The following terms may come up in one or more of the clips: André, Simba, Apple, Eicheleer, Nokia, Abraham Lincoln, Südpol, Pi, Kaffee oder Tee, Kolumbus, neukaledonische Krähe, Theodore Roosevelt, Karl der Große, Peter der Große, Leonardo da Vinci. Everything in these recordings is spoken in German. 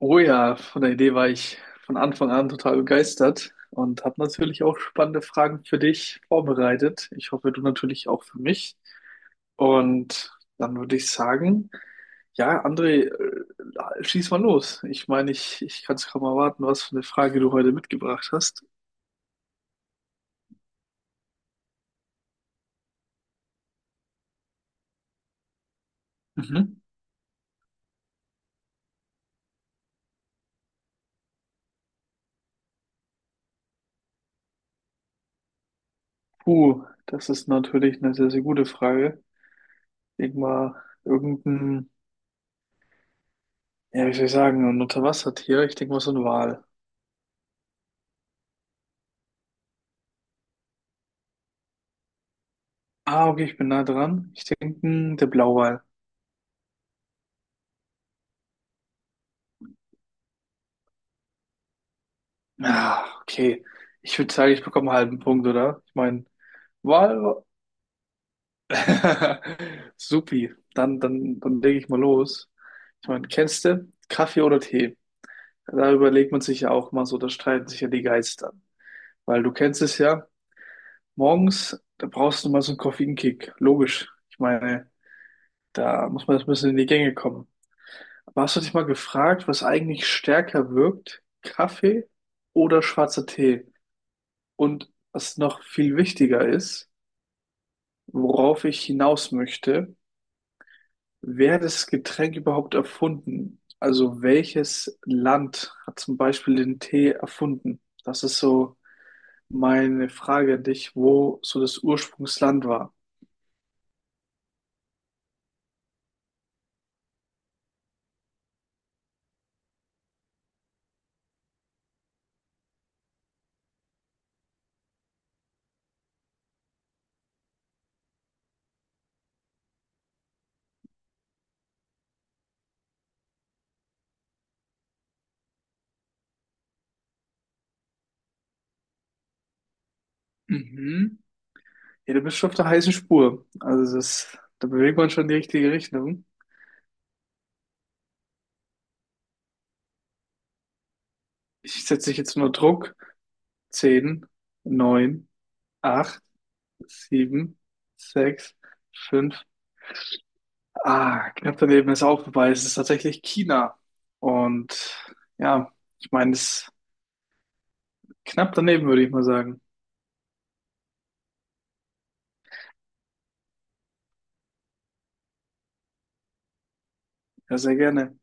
Oh ja, von der Idee war ich von Anfang an total begeistert und habe natürlich auch spannende Fragen für dich vorbereitet. Ich hoffe, du natürlich auch für mich. Und dann würde ich sagen, ja, André, schieß mal los. Ich meine, ich kann es kaum erwarten, was für eine Frage du heute mitgebracht hast. Mhm. Puh, das ist natürlich eine sehr, sehr gute Frage. Ich denke mal, irgendein, ja, wie soll ich sagen, ein Unterwassertier. Ich denke mal, so ein Wal. Ah, okay, ich bin nah dran. Ich denke, hm, der Blauwal. Ah, okay. Ich würde sagen, ich bekomme einen halben Punkt, oder? Ich meine, Wal. Supi. Dann lege ich mal los. Ich meine, kennst du Kaffee oder Tee? Da überlegt man sich ja auch mal so, da streiten sich ja die Geister. Weil du kennst es ja, morgens, da brauchst du mal so einen Koffeinkick. Logisch. Ich meine, da muss man erst ein bisschen in die Gänge kommen. Aber hast du dich mal gefragt, was eigentlich stärker wirkt? Kaffee oder schwarzer Tee? Und was noch viel wichtiger ist, worauf ich hinaus möchte, wer hat das Getränk überhaupt erfunden? Also welches Land hat zum Beispiel den Tee erfunden? Das ist so meine Frage an dich, wo so das Ursprungsland war. Mhm. Ja, du bist schon auf der heißen Spur. Also das, da bewegt man schon in die richtige Richtung. Ich setze dich jetzt unter Druck. Zehn, neun, acht, sieben, sechs, fünf, Ah, knapp daneben ist auch vorbei. Es ist tatsächlich China. Und ja, ich meine, es ist knapp daneben, würde ich mal sagen. Ja, sehr gerne.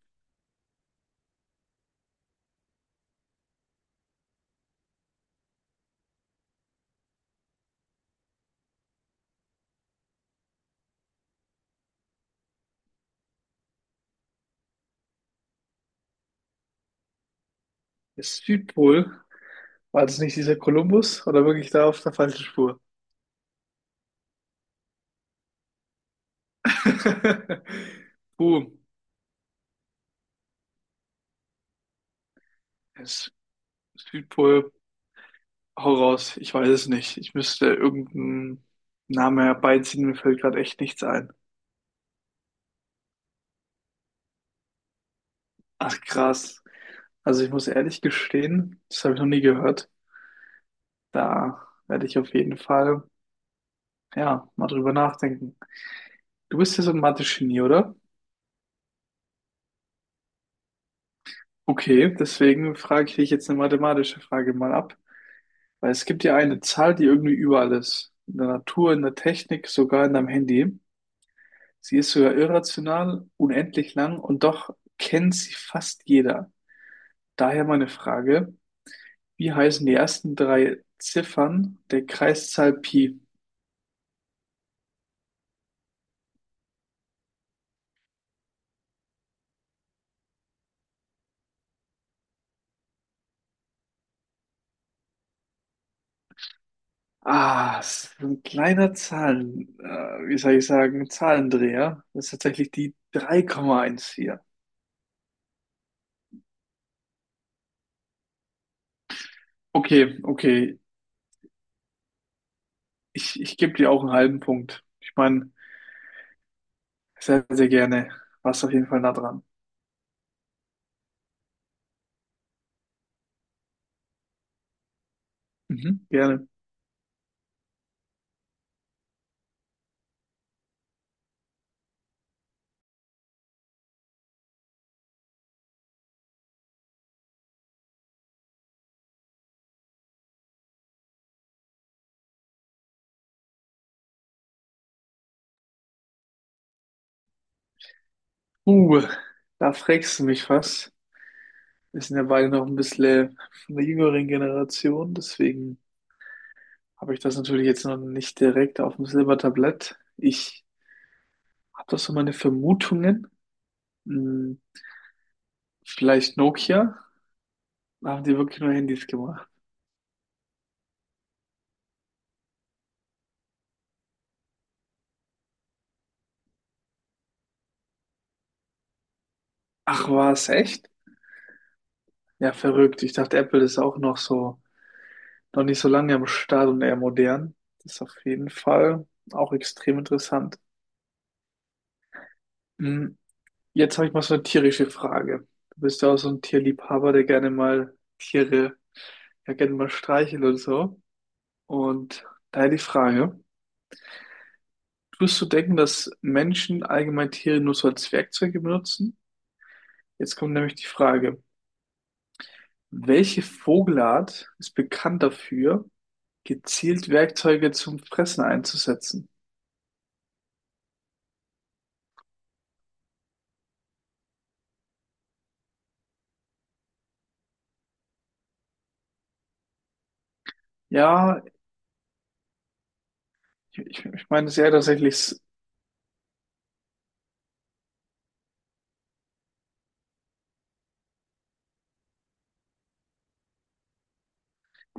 Ist Südpol. War das nicht dieser Kolumbus oder wirklich da auf der falschen Spur? Puh, ist Südpol. Hau raus. Ich weiß es nicht. Ich müsste irgendeinen Namen herbeiziehen. Mir fällt gerade echt nichts ein. Ach, krass. Also ich muss ehrlich gestehen, das habe ich noch nie gehört. Da werde ich auf jeden Fall. Ja, mal drüber nachdenken. Du bist ja so ein Mathe-Genie, oder? Okay, deswegen frage ich dich jetzt eine mathematische Frage mal ab. Weil es gibt ja eine Zahl, die irgendwie überall ist. In der Natur, in der Technik, sogar in deinem Handy. Sie ist sogar irrational, unendlich lang und doch kennt sie fast jeder. Daher meine Frage, wie heißen die ersten drei Ziffern der Kreiszahl Pi? Ah, es ist so ein kleiner Zahlen, wie soll ich sagen, Zahlendreher. Das ist tatsächlich die 3,14. Okay, okay. Ich gebe dir auch einen halben Punkt. Ich meine, sehr, sehr gerne. Warst auf jeden Fall nah dran. Mhm, gerne. Uh, da fragst du mich was. Wir sind ja beide noch ein bisschen von der jüngeren Generation, deswegen habe ich das natürlich jetzt noch nicht direkt auf dem Silbertablett. Ich habe da so meine Vermutungen. Hm, vielleicht Nokia. Da haben die wirklich nur Handys gemacht. Ach, war es echt? Ja, verrückt. Ich dachte, Apple ist auch noch so, noch nicht so lange am Start und eher modern. Das ist auf jeden Fall auch extrem interessant. Hm, jetzt habe ich mal so eine tierische Frage. Du bist ja auch so ein Tierliebhaber, der gerne mal Tiere, ja gerne mal streichelt oder so. Und daher die Frage, tust du denken, dass Menschen allgemein Tiere nur so als Werkzeuge benutzen? Jetzt kommt nämlich die Frage, welche Vogelart ist bekannt dafür, gezielt Werkzeuge zum Fressen einzusetzen. Ja, ich meine es eher tatsächlich,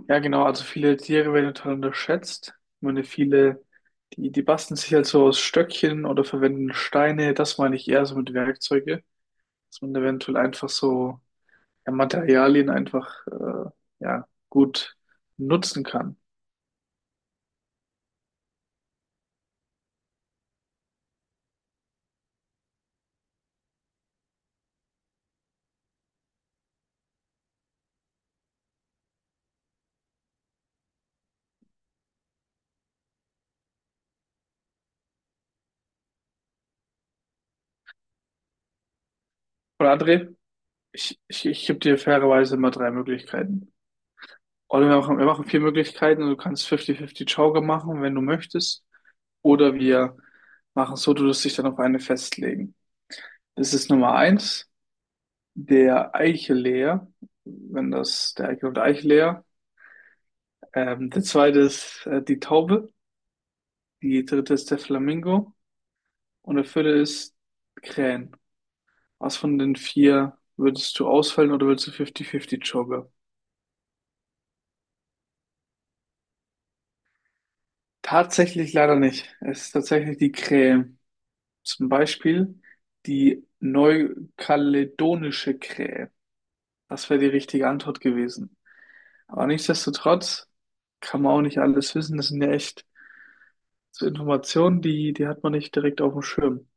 ja genau, also viele Tiere werden total unterschätzt. Ich meine, viele, die basteln sich halt so aus Stöckchen oder verwenden Steine, das meine ich eher so mit Werkzeuge, dass man eventuell einfach so ja, Materialien einfach ja, gut nutzen kann. Oder André, ich gebe dir fairerweise immer drei Möglichkeiten. Oder wir machen vier Möglichkeiten und du kannst 50-50 Joker machen, wenn du möchtest. Oder wir machen so, du wirst dich dann auf eine festlegen. Das ist Nummer eins, der Eicheleer, wenn das der Eichel und der Eicheleer. Der zweite ist die Taube, die dritte ist der Flamingo und der vierte ist Krähen. Was von den vier würdest du auswählen oder würdest du 50-50 Joker? Tatsächlich leider nicht. Es ist tatsächlich die Krähe. Zum Beispiel die neukaledonische Krähe. Das wäre die richtige Antwort gewesen. Aber nichtsdestotrotz kann man auch nicht alles wissen. Das sind ja echt so Informationen, die hat man nicht direkt auf dem Schirm.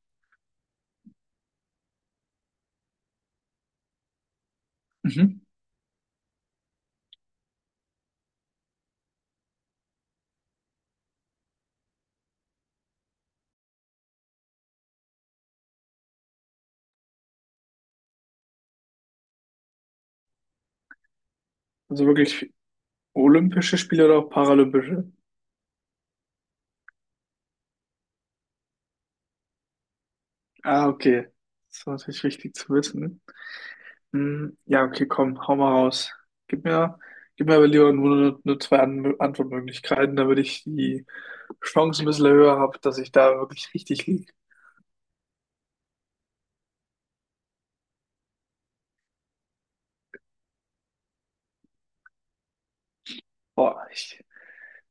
Mhm. Also wirklich olympische Spiele oder auch paralympische? Ah, okay. Das ist natürlich wichtig zu wissen. Hm, ja, okay, komm, hau mal raus. Gib mir, gib mir aber lieber nur, nur zwei An Antwortmöglichkeiten, damit ich die Chance ein bisschen höher habe, dass ich da wirklich richtig liege. Boah, ich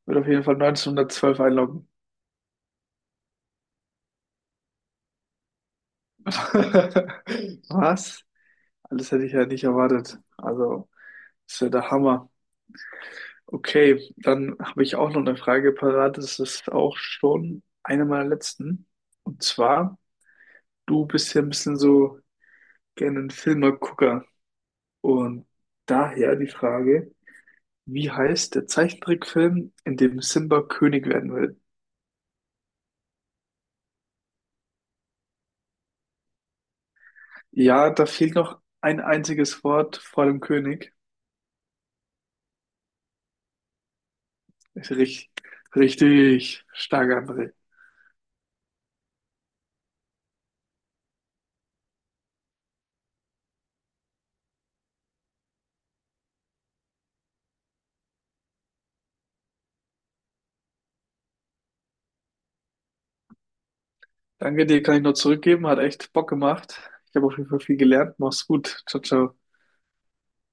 würde auf jeden Fall 1912 einloggen. Was? Alles hätte ich ja nicht erwartet. Also, ist ja der Hammer. Okay, dann habe ich auch noch eine Frage parat. Das ist auch schon eine meiner letzten. Und zwar, du bist ja ein bisschen so gerne ein Filmegucker. Und daher die Frage, wie heißt der Zeichentrickfilm, in dem Simba König werden will? Ja, da fehlt noch ein einziges Wort vor dem König. Ist richtig, richtig stark, André. Danke dir, kann ich nur zurückgeben. Hat echt Bock gemacht. Ich habe auf jeden Fall viel gelernt. Mach's gut. Ciao, ciao.